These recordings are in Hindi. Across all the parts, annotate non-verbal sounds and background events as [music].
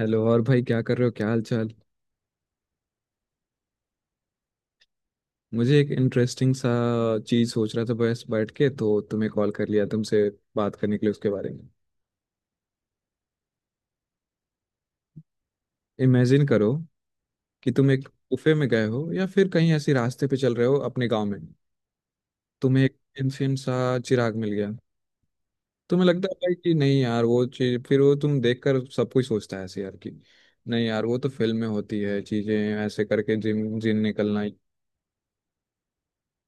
हेलो। और भाई क्या कर रहे हो, क्या हाल चाल। मुझे एक इंटरेस्टिंग सा चीज सोच रहा था, बस बैठ के, तो तुम्हें कॉल कर लिया तुमसे बात करने के लिए उसके बारे में। इमेजिन करो कि तुम एक गुफे में गए हो या फिर कहीं ऐसी रास्ते पे चल रहे हो अपने गांव में। तुम्हें एक एंशियंट सा चिराग मिल गया। तुम्हें लगता है भाई कि नहीं यार, वो चीज, फिर वो तुम देख कर सब कुछ सोचता है ऐसे, यार कि नहीं यार, वो तो फिल्म में होती है चीजें ऐसे करके जिन जिन निकलना ही।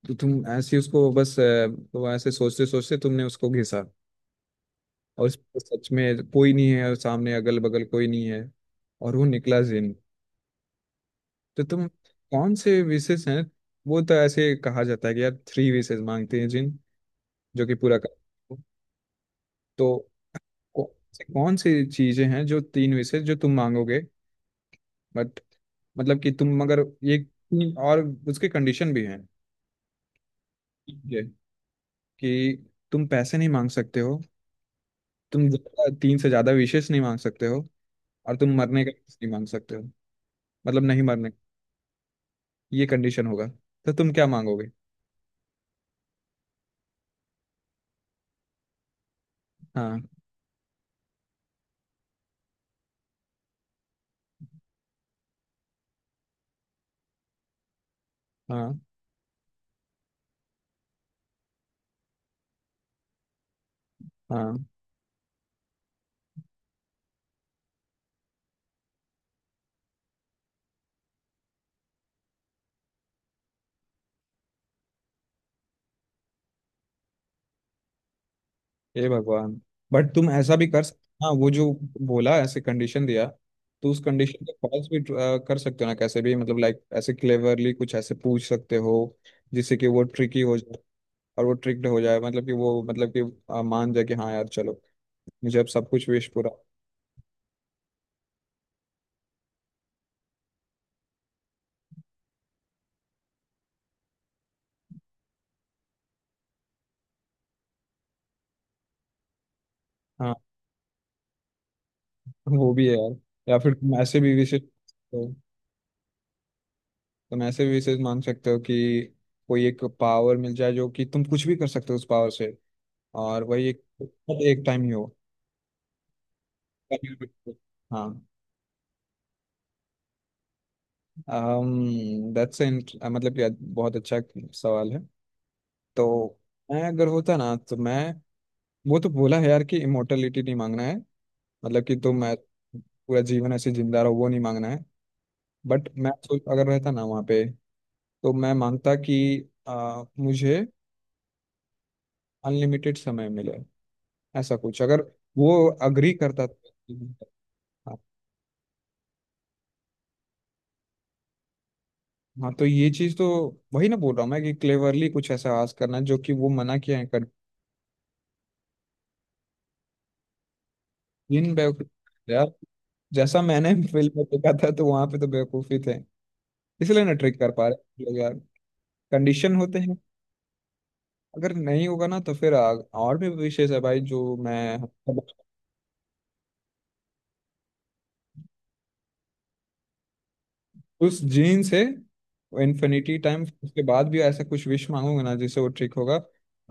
तो तुम ऐसे उसको बस वो ऐसे सोचते सोचते तुमने उसको घिसा, और उस पे सच में कोई नहीं है, और सामने अगल बगल कोई नहीं है, और वो निकला जिन। तो तुम कौन से विशेष हैं। वो तो ऐसे कहा जाता है कि यार थ्री विशेष मांगते हैं जिन, जो कि पूरा कर। तो कौन से कौन सी चीजें हैं जो तीन विशेष जो तुम मांगोगे। बट मतलब कि तुम, मगर ये तीन, और उसके कंडीशन भी हैं। ठीक है कि तुम पैसे नहीं मांग सकते हो, तुम तीन से ज्यादा विशेष नहीं मांग सकते हो, और तुम मरने का विशेष नहीं मांग सकते हो, मतलब नहीं मरने। ये कंडीशन होगा। तो तुम क्या मांगोगे। हाँ, हाँ, हाँ। हे भगवान। बट तुम ऐसा भी कर सकते। हाँ, वो जो बोला ऐसे कंडीशन दिया, तो उस कंडीशन को फॉल्स भी कर सकते हो ना कैसे भी, मतलब लाइक ऐसे क्लेवरली कुछ ऐसे पूछ सकते हो जिससे कि वो ट्रिकी हो जाए और वो ट्रिक्ड हो जाए, मतलब कि वो, मतलब कि मान जाए कि हाँ यार चलो, मुझे अब सब कुछ विश पूरा। हाँ, वो भी है यार। या फिर तुम ऐसे भी विशेष मान सकते हो कि कोई एक पावर मिल जाए जो कि तुम कुछ भी कर सकते हो उस पावर से, और वही एक, मतलब एक टाइम ही हो। हाँ। um, that's an, मतलब कि बहुत अच्छा सवाल है तो। मैं अगर होता ना तो मैं, वो तो बोला है यार कि इमोर्टलिटी नहीं मांगना है, मतलब कि तुम पूरा जीवन ऐसे जिंदा रहो, वो नहीं मांगना है। बट मैं सोच अगर रहता ना वहाँ पे, तो मैं मांगता कि मुझे अनलिमिटेड समय मिले, ऐसा कुछ अगर वो अग्री करता तो। हाँ, हाँ। तो ये चीज तो वही ना बोल रहा हूँ मैं, कि क्लेवरली कुछ ऐसा आवाज करना जो कि वो मना किया है कर। इन बेवकूफ यार जैसा मैंने [laughs] फिल्म में देखा था, तो वहां पे तो बेवकूफी थे इसलिए ना ट्रिक कर पा रहे लोग यार। कंडीशन होते हैं। अगर नहीं होगा ना तो फिर और भी विशेष है भाई जो मैं। उस जीन से इन्फिनिटी टाइम उसके बाद भी ऐसा कुछ विश मांगूंगा ना जिससे वो ठीक होगा,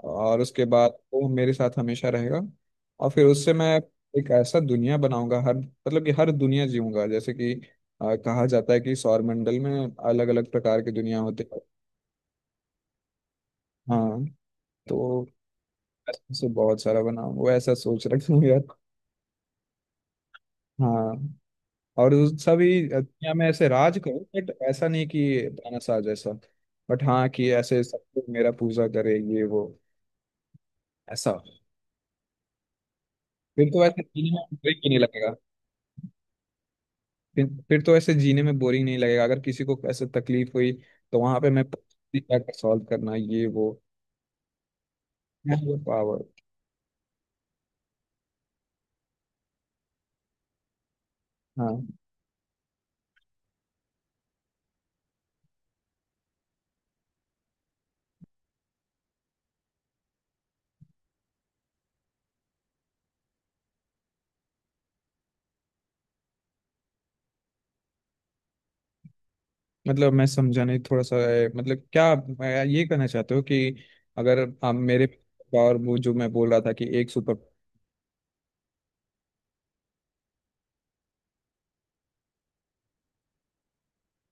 और उसके बाद वो मेरे साथ हमेशा रहेगा, और फिर उससे मैं एक ऐसा दुनिया बनाऊंगा, हर, मतलब कि हर दुनिया जीऊंगा, जैसे कि कहा जाता है कि सौरमंडल में अलग अलग प्रकार की दुनिया होती है। हाँ, तो ऐसे बहुत सारा बनाऊंगा, वो ऐसा सोच रखा हूँ यार। हाँ, और सभी दुनिया में ऐसे राज करो, बट ऐसा नहीं कि तानाशाह जैसा, बट हाँ कि ऐसे सब लोग मेरा पूजा करे ये वो, ऐसा फिर तो ऐसे जीने में बोरिंग नहीं लगेगा। फिर तो ऐसे जीने में बोरिंग नहीं लगेगा अगर किसी को ऐसे तकलीफ हुई, तो वहां पे मैं क्या सॉल्व करना, ये वो पावर। हाँ, मतलब मैं समझा नहीं थोड़ा सा मतलब क्या मैं ये कहना चाहते हो कि अगर आप मेरे पावर, वो जो मैं बोल रहा था कि एक सुपर।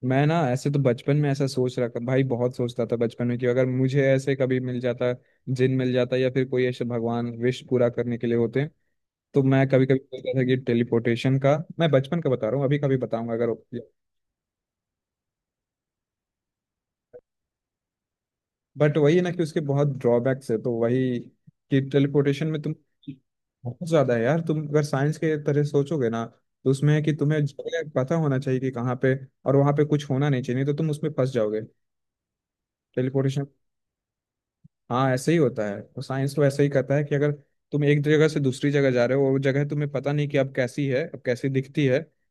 मैं ना ऐसे तो बचपन में ऐसा सोच रहा था भाई, बहुत सोचता था बचपन में कि अगर मुझे ऐसे कभी मिल जाता, जिन मिल जाता, या फिर कोई ऐसे भगवान विश पूरा करने के लिए होते, तो मैं कभी कभी सोचता था कि टेलीपोर्टेशन का, मैं बचपन का बता रहा हूँ अभी, कभी बताऊंगा अगर। बट वही है ना कि उसके बहुत ड्रॉबैक्स है, तो वही कि टेलीपोर्टेशन में तुम, बहुत ज्यादा है यार। तुम अगर साइंस के तरह सोचोगे ना, तो उसमें है कि तुम्हें जगह पता होना चाहिए कि कहाँ पे, और वहां पे कुछ होना नहीं चाहिए, नहीं तो तुम उसमें फंस जाओगे टेलीपोर्टेशन। हाँ ऐसे ही होता है, तो साइंस तो ऐसे ही कहता है कि अगर तुम एक जगह से दूसरी जगह जा रहे हो और वो जगह तुम्हें पता नहीं कि अब कैसी है, अब कैसी दिखती है, वहाँ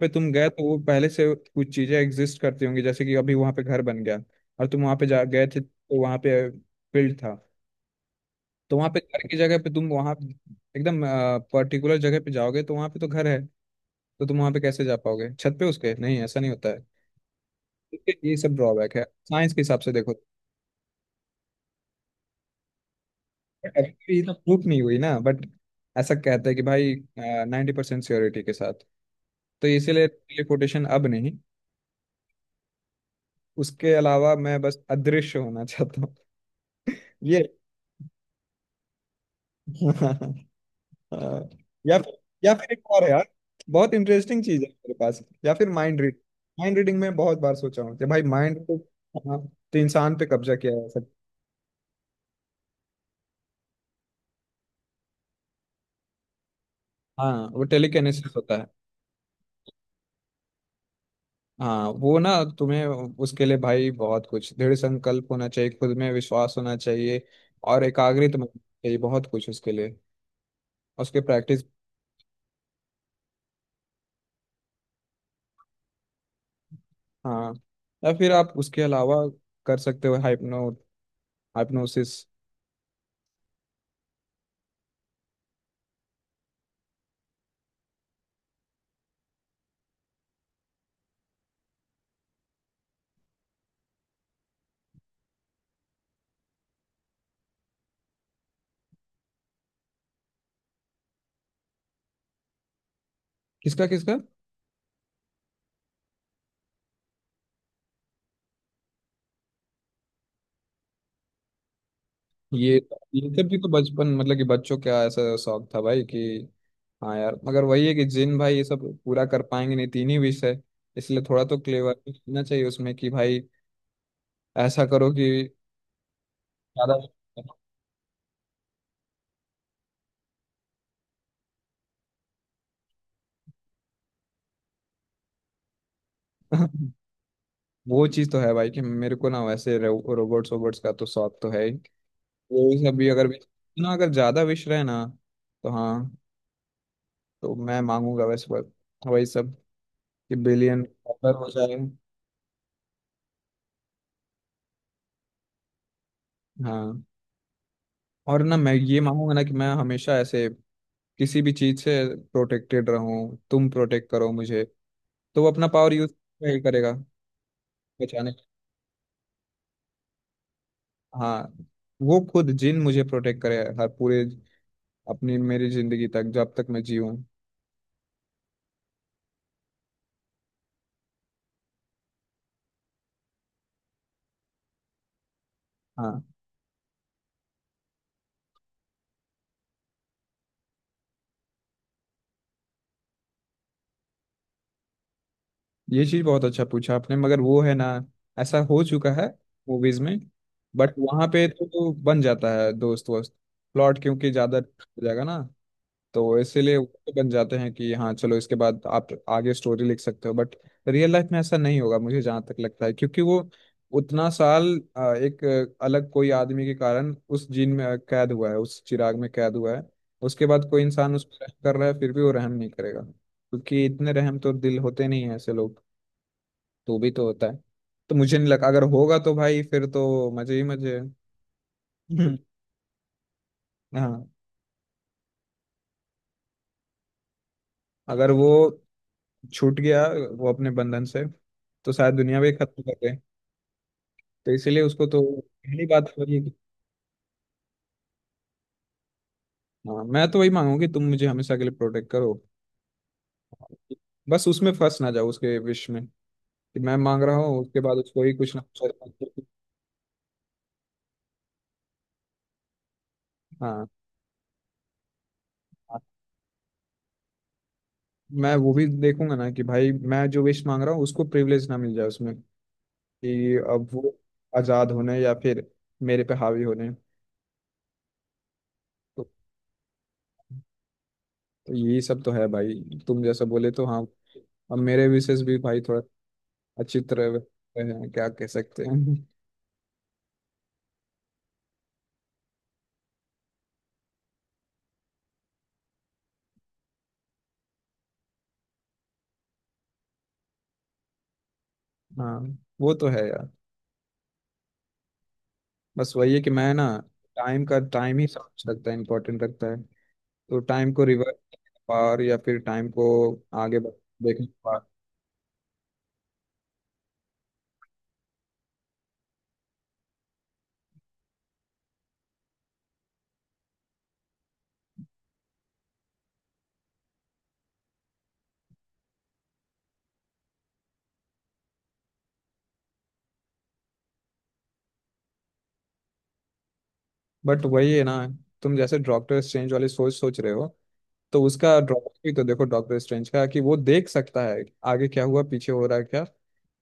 पे तुम गए तो वो पहले से कुछ चीजें एग्जिस्ट करती होंगी, जैसे कि अभी वहाँ पे घर बन गया, और तुम वहाँ पे जा गए थे तो वहाँ पे फील्ड था, तो वहाँ पे घर की जगह पे तुम वहाँ एकदम पर्टिकुलर जगह पे जाओगे तो वहाँ पे तो घर है, तो तुम वहाँ पे कैसे जा पाओगे छत पे उसके, नहीं ऐसा नहीं होता है। इसके ये सब ड्रॉबैक है साइंस के हिसाब से, देखो अभी तो प्रूफ नहीं हुई ना, बट ऐसा कहते हैं कि भाई 90% श्योरिटी के साथ, तो इसीलिए टेलीपोर्टेशन अब नहीं। उसके अलावा मैं बस अदृश्य होना चाहता हूँ, ये [laughs] अ, या फिर या फिर एक और है यार, बहुत इंटरेस्टिंग चीज है मेरे पास, या फिर माइंड रीडिंग में बहुत बार सोचा हूँ कि भाई माइंड तो। हाँ, तो इंसान पे कब्जा किया जा सकता है। हाँ, वो टेलीकिनेसिस होता है। हाँ, वो ना तुम्हें उसके लिए भाई बहुत कुछ दृढ़ संकल्प होना चाहिए, खुद में विश्वास होना चाहिए, और एकाग्रित मन होना चाहिए, बहुत कुछ उसके लिए, उसके प्रैक्टिस। हाँ, या फिर आप उसके अलावा कर सकते हो हाइपनोसिस। किसका किसका। ये ये सब भी तो बचपन, मतलब कि बच्चों का ऐसा शौक था भाई कि। हाँ यार, मगर वही है कि जिन भाई ये सब पूरा कर पाएंगे नहीं, तीन ही विषय, इसलिए थोड़ा तो क्लेवर होना चाहिए उसमें कि भाई ऐसा करो कि ज्यादा। [laughs] वो चीज तो है भाई कि मेरे को ना वैसे रोबोट्स वोबोट्स का तो शौक तो है ही, वो सब भी अगर ना अगर ज्यादा विश रहे ना, तो हाँ, तो मैं मांगूंगा वैसे बस वही सब, कि बिलियन डॉलर हो जाए। हाँ, और ना मैं ये मांगूंगा ना कि मैं हमेशा ऐसे किसी भी चीज से प्रोटेक्टेड रहूं, तुम प्रोटेक्ट करो मुझे, तो वो अपना पावर यूज करेगा बचाने। हाँ, वो खुद जिन मुझे प्रोटेक्ट करे हर, पूरे अपनी मेरी जिंदगी तक, जब तक मैं जीऊँ। हाँ, ये चीज बहुत अच्छा पूछा आपने, मगर वो है ना, ऐसा हो चुका है मूवीज में। बट वहां पे तो बन जाता है दोस्त वोस्त प्लॉट, क्योंकि ज्यादा हो जाएगा ना, तो इसीलिए वो तो बन जाते हैं कि हाँ चलो इसके बाद आप आगे स्टोरी लिख सकते हो। बट रियल लाइफ में ऐसा नहीं होगा मुझे जहाँ तक लगता है, क्योंकि वो उतना साल एक अलग कोई आदमी के कारण उस जीन में कैद हुआ है, उस चिराग में कैद हुआ है। उसके बाद कोई इंसान उस पर रहम कर रहा है फिर भी वो रहम नहीं करेगा, क्योंकि इतने रहम तो दिल होते नहीं है ऐसे लोग। तू भी तो होता है। तो मुझे नहीं लगा, अगर होगा तो भाई फिर तो मजे ही मजे हैं। [laughs] हाँ, अगर वो छूट गया, वो अपने बंधन से, तो शायद दुनिया भी खत्म कर गए, तो इसीलिए उसको तो पहली बात तो वही है कि, हाँ मैं तो वही मांगू कि तुम मुझे हमेशा के लिए प्रोटेक्ट करो, बस उसमें फंस ना जाओ उसके विश में, कि मैं मांग रहा हूँ उसके बाद उसको ही कुछ ना कुछ। हाँ, मैं वो भी देखूंगा ना कि भाई मैं जो विश मांग रहा हूँ उसको प्रिविलेज ना मिल जाए उसमें, कि अब वो आज़ाद होने, या फिर मेरे पे हावी होने। तो, तो यही सब तो है भाई, तुम जैसा बोले तो हाँ। अब मेरे विशेष भी भाई थोड़ा अच्छी तरह वे हैं, क्या कह सकते हैं। [laughs] हाँ, वो तो है यार। बस वही है कि मैं ना, टाइम ही सब कुछ लगता है, इंपॉर्टेंट लगता है, तो टाइम को रिवर्स पावर, या फिर टाइम को आगे बढ़- देखने की पावर। बट वही है ना, तुम जैसे डॉक्टर स्ट्रेंज वाली सोच सोच रहे हो, तो उसका ड्रॉबैक भी तो देखो डॉक्टर स्ट्रेंज का, कि वो देख सकता है आगे क्या हुआ, पीछे हो रहा है क्या,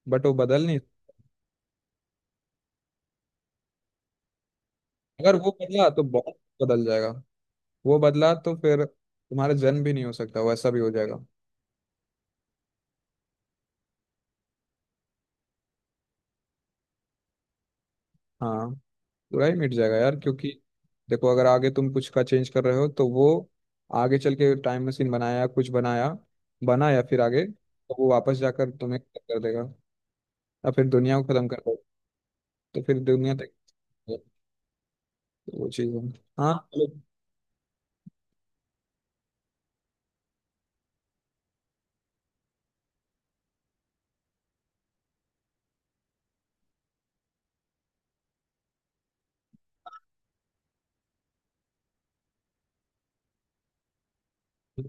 बट वो बदल नहीं। अगर वो बदला तो बहुत बदल जाएगा, वो बदला तो फिर तुम्हारा जन्म भी नहीं हो सकता, वैसा भी हो जाएगा। हाँ, बुराई मिट जाएगा यार, क्योंकि देखो अगर आगे तुम कुछ का चेंज कर रहे हो, तो वो आगे चल के टाइम मशीन बनाया, कुछ बनाया, बना, या फिर आगे तो वो वापस जाकर तुम्हें खत्म कर देगा, या फिर दुनिया को खत्म कर देगा, तो फिर दुनिया तक, तो वो चीज़ है। हाँ चलो।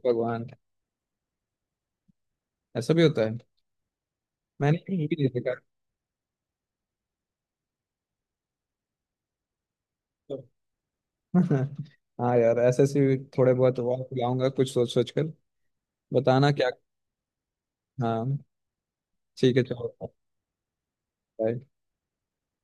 भगवान ऐसा भी होता है, मैंने भी मूवी नहीं देखा। तो- [laughs] हाँ यार, ऐसे ऐसे थोड़े बहुत और खिलाऊंगा कुछ सोच सोच कर, बताना क्या। हाँ ठीक है चलो bye।